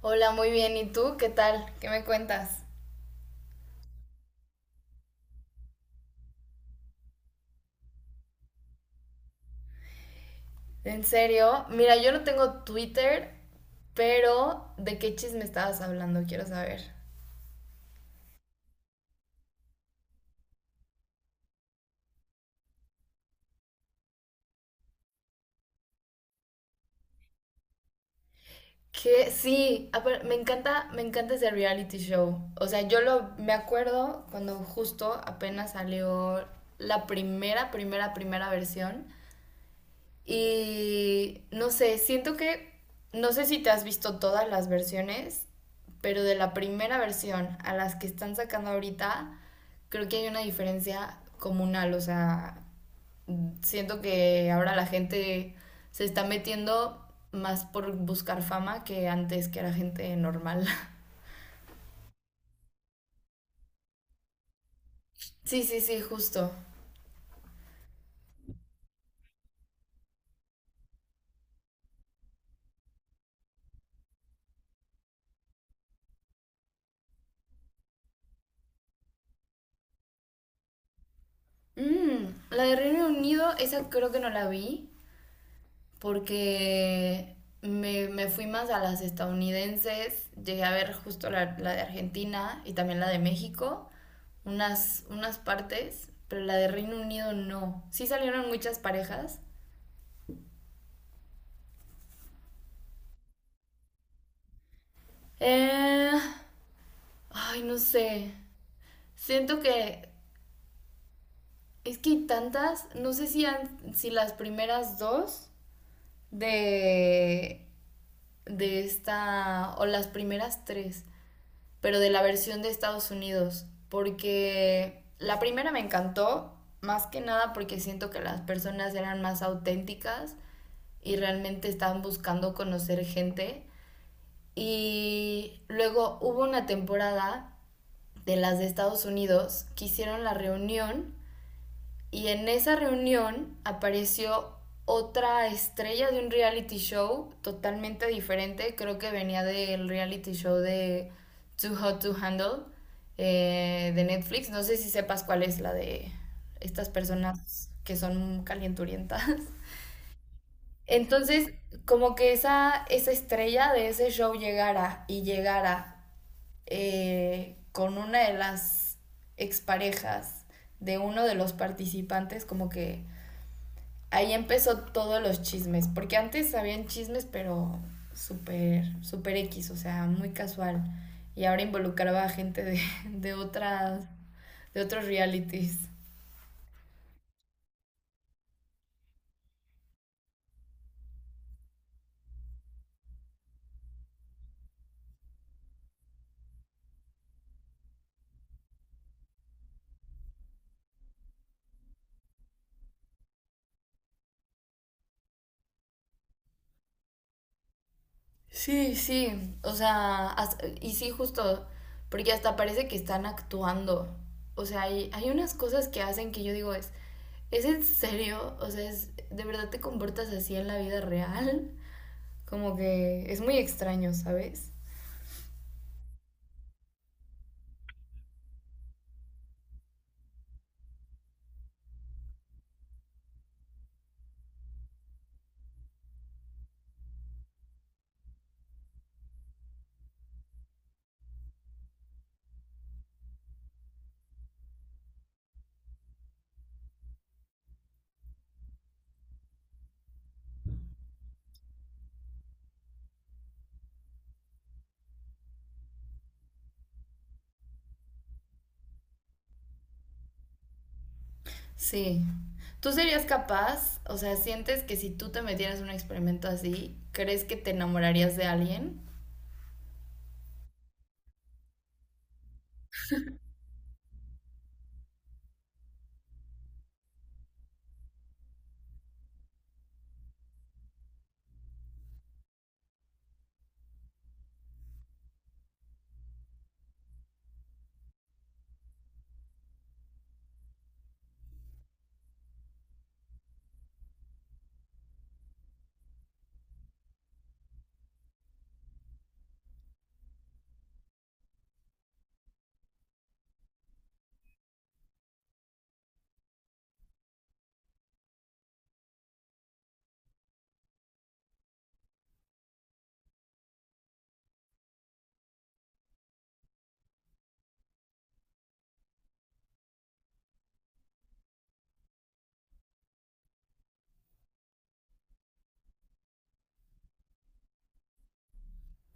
Hola, muy bien. ¿Y tú? ¿Qué tal? ¿Qué me cuentas? ¿En serio? Mira, yo no tengo Twitter, pero ¿de qué chisme estabas hablando? Quiero saber. Que sí, me encanta ese reality show. O sea, yo lo me acuerdo cuando justo apenas salió la primera, primera, primera versión. Y no sé, siento que, no sé si te has visto todas las versiones, pero de la primera versión a las que están sacando ahorita, creo que hay una diferencia comunal. O sea, siento que ahora la gente se está metiendo más por buscar fama que antes que era gente normal. Sí, sí, sí, justo. Mm, la de Reino Unido, esa creo que no la vi, porque me fui más a las estadounidenses, llegué a ver justo la de Argentina y también la de México, unas partes, pero la de Reino Unido no. Sí salieron muchas parejas. Eh, Ay, no sé. Siento que es que hay tantas, no sé si las primeras dos de, de esta, o las primeras tres, pero de la versión de Estados Unidos, porque la primera me encantó, más que nada porque siento que las personas eran más auténticas y realmente estaban buscando conocer gente. Y luego hubo una temporada de las de Estados Unidos que hicieron la reunión y en esa reunión apareció otra estrella de un reality show totalmente diferente. Creo que venía del reality show de Too Hot to Handle de Netflix. No sé si sepas cuál es la de estas personas que son calienturientas. Entonces, como que esa estrella de ese show llegara y llegara con una de las exparejas de uno de los participantes, como que ahí empezó todos los chismes, porque antes habían chismes, pero súper, súper X, o sea, muy casual. Y ahora involucraba a gente de otras, de otros realities. Sí, sí, o sea, y sí, justo, porque hasta parece que están actuando. O sea, hay unas cosas que hacen que yo digo, ¿es en serio? O sea, es, ¿de verdad te comportas así en la vida real? Como que es muy extraño, ¿sabes? Sí. ¿Tú serías capaz? O sea, ¿sientes que si tú te metieras en un experimento así, crees que te enamorarías de alguien?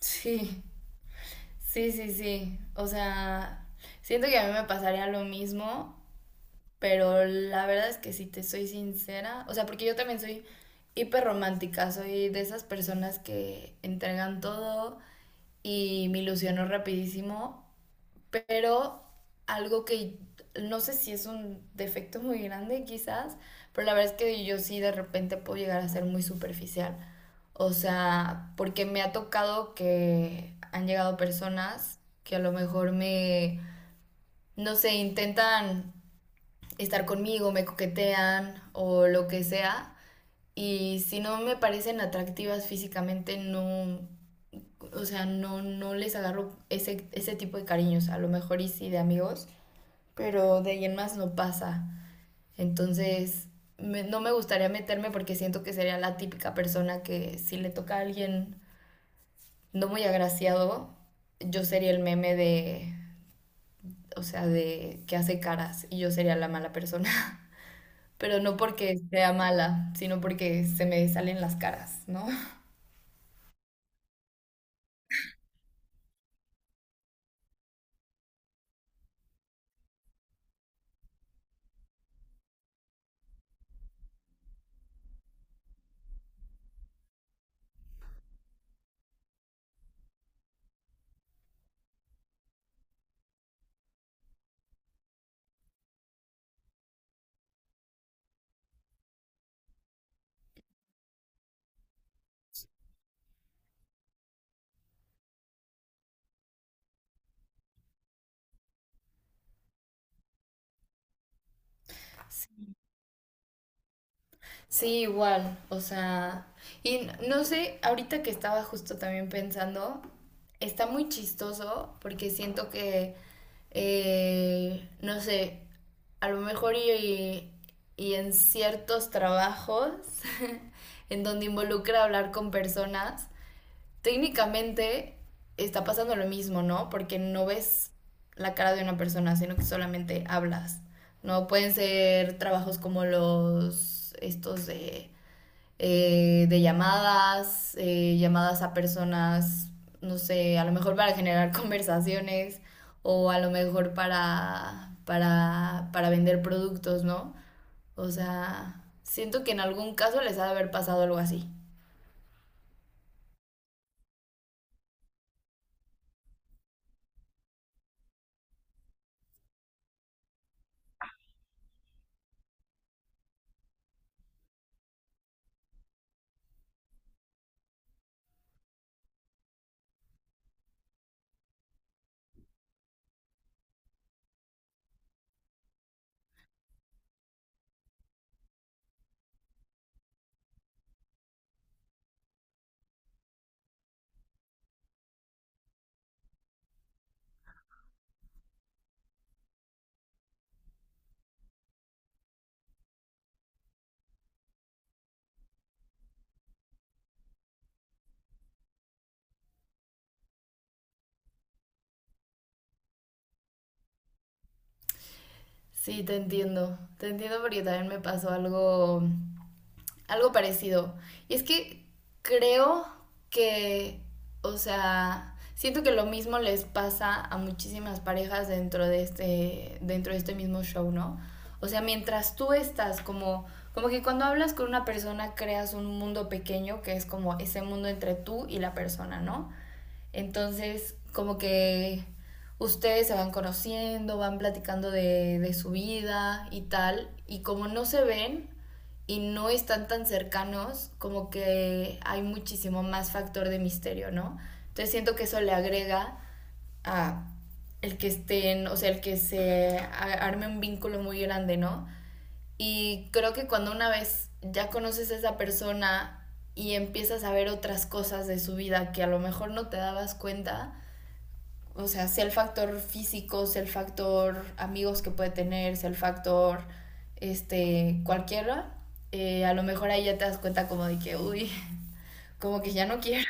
Sí, sí, sí, sí. O sea, siento que a mí me pasaría lo mismo, pero la verdad es que si te soy sincera, o sea, porque yo también soy hiperromántica, soy de esas personas que entregan todo y me ilusionó rapidísimo, pero algo que no sé si es un defecto muy grande quizás, pero la verdad es que yo sí de repente puedo llegar a ser muy superficial. O sea, porque me ha tocado que han llegado personas que a lo mejor me, no sé, intentan estar conmigo, me coquetean o lo que sea. Y si no me parecen atractivas físicamente, no, o sea, no, no les agarro ese tipo de cariños, a lo mejor y sí de amigos pero de ahí en más no pasa. Entonces, no me gustaría meterme porque siento que sería la típica persona que si le toca a alguien no muy agraciado, yo sería el meme de, o sea, de que hace caras y yo sería la mala persona. Pero no porque sea mala, sino porque se me salen las caras, ¿no? Sí, igual, o sea, y no sé, ahorita que estaba justo también pensando, está muy chistoso porque siento que, no sé, a lo mejor y en ciertos trabajos en donde involucra hablar con personas, técnicamente está pasando lo mismo, ¿no? Porque no ves la cara de una persona, sino que solamente hablas. No pueden ser trabajos como los estos de llamadas, llamadas a personas, no sé, a lo mejor para generar conversaciones o a lo mejor para vender productos, ¿no? O sea, siento que en algún caso les ha de haber pasado algo así. Sí, te entiendo. Te entiendo porque también me pasó algo parecido. Y es que creo que, o sea, siento que lo mismo les pasa a muchísimas parejas dentro de este mismo show, ¿no? O sea, mientras tú estás como que cuando hablas con una persona creas un mundo pequeño que es como ese mundo entre tú y la persona, ¿no? Entonces, como que ustedes se van conociendo, van platicando de su vida y tal, y como no se ven y no están tan cercanos, como que hay muchísimo más factor de misterio, ¿no? Entonces siento que eso le agrega a el que estén, o sea, el que se arme un vínculo muy grande, ¿no? Y creo que cuando una vez ya conoces a esa persona y empiezas a ver otras cosas de su vida que a lo mejor no te dabas cuenta, o sea, sea el factor físico, sea el factor amigos que puede tener, sea el factor este, cualquiera, a lo mejor ahí ya te das cuenta como de que, uy, como que ya no quiero.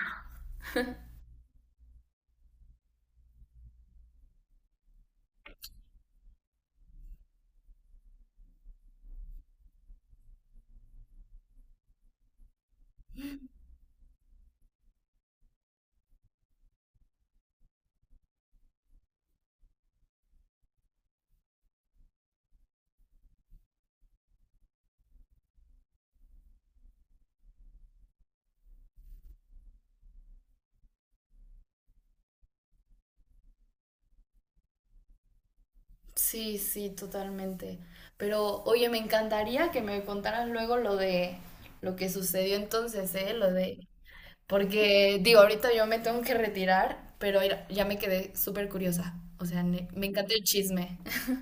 Sí, sí, totalmente. Pero, oye, me encantaría que me contaras luego lo de lo que sucedió entonces, ¿eh? Lo de. Porque, digo, ahorita yo me tengo que retirar, pero ya me quedé súper curiosa. O sea, me encanta el chisme.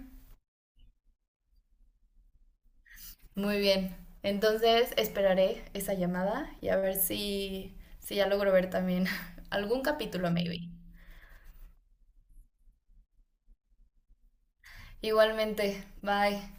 Muy bien. Entonces esperaré esa llamada y a ver si ya logro ver también algún capítulo, maybe. Igualmente, bye.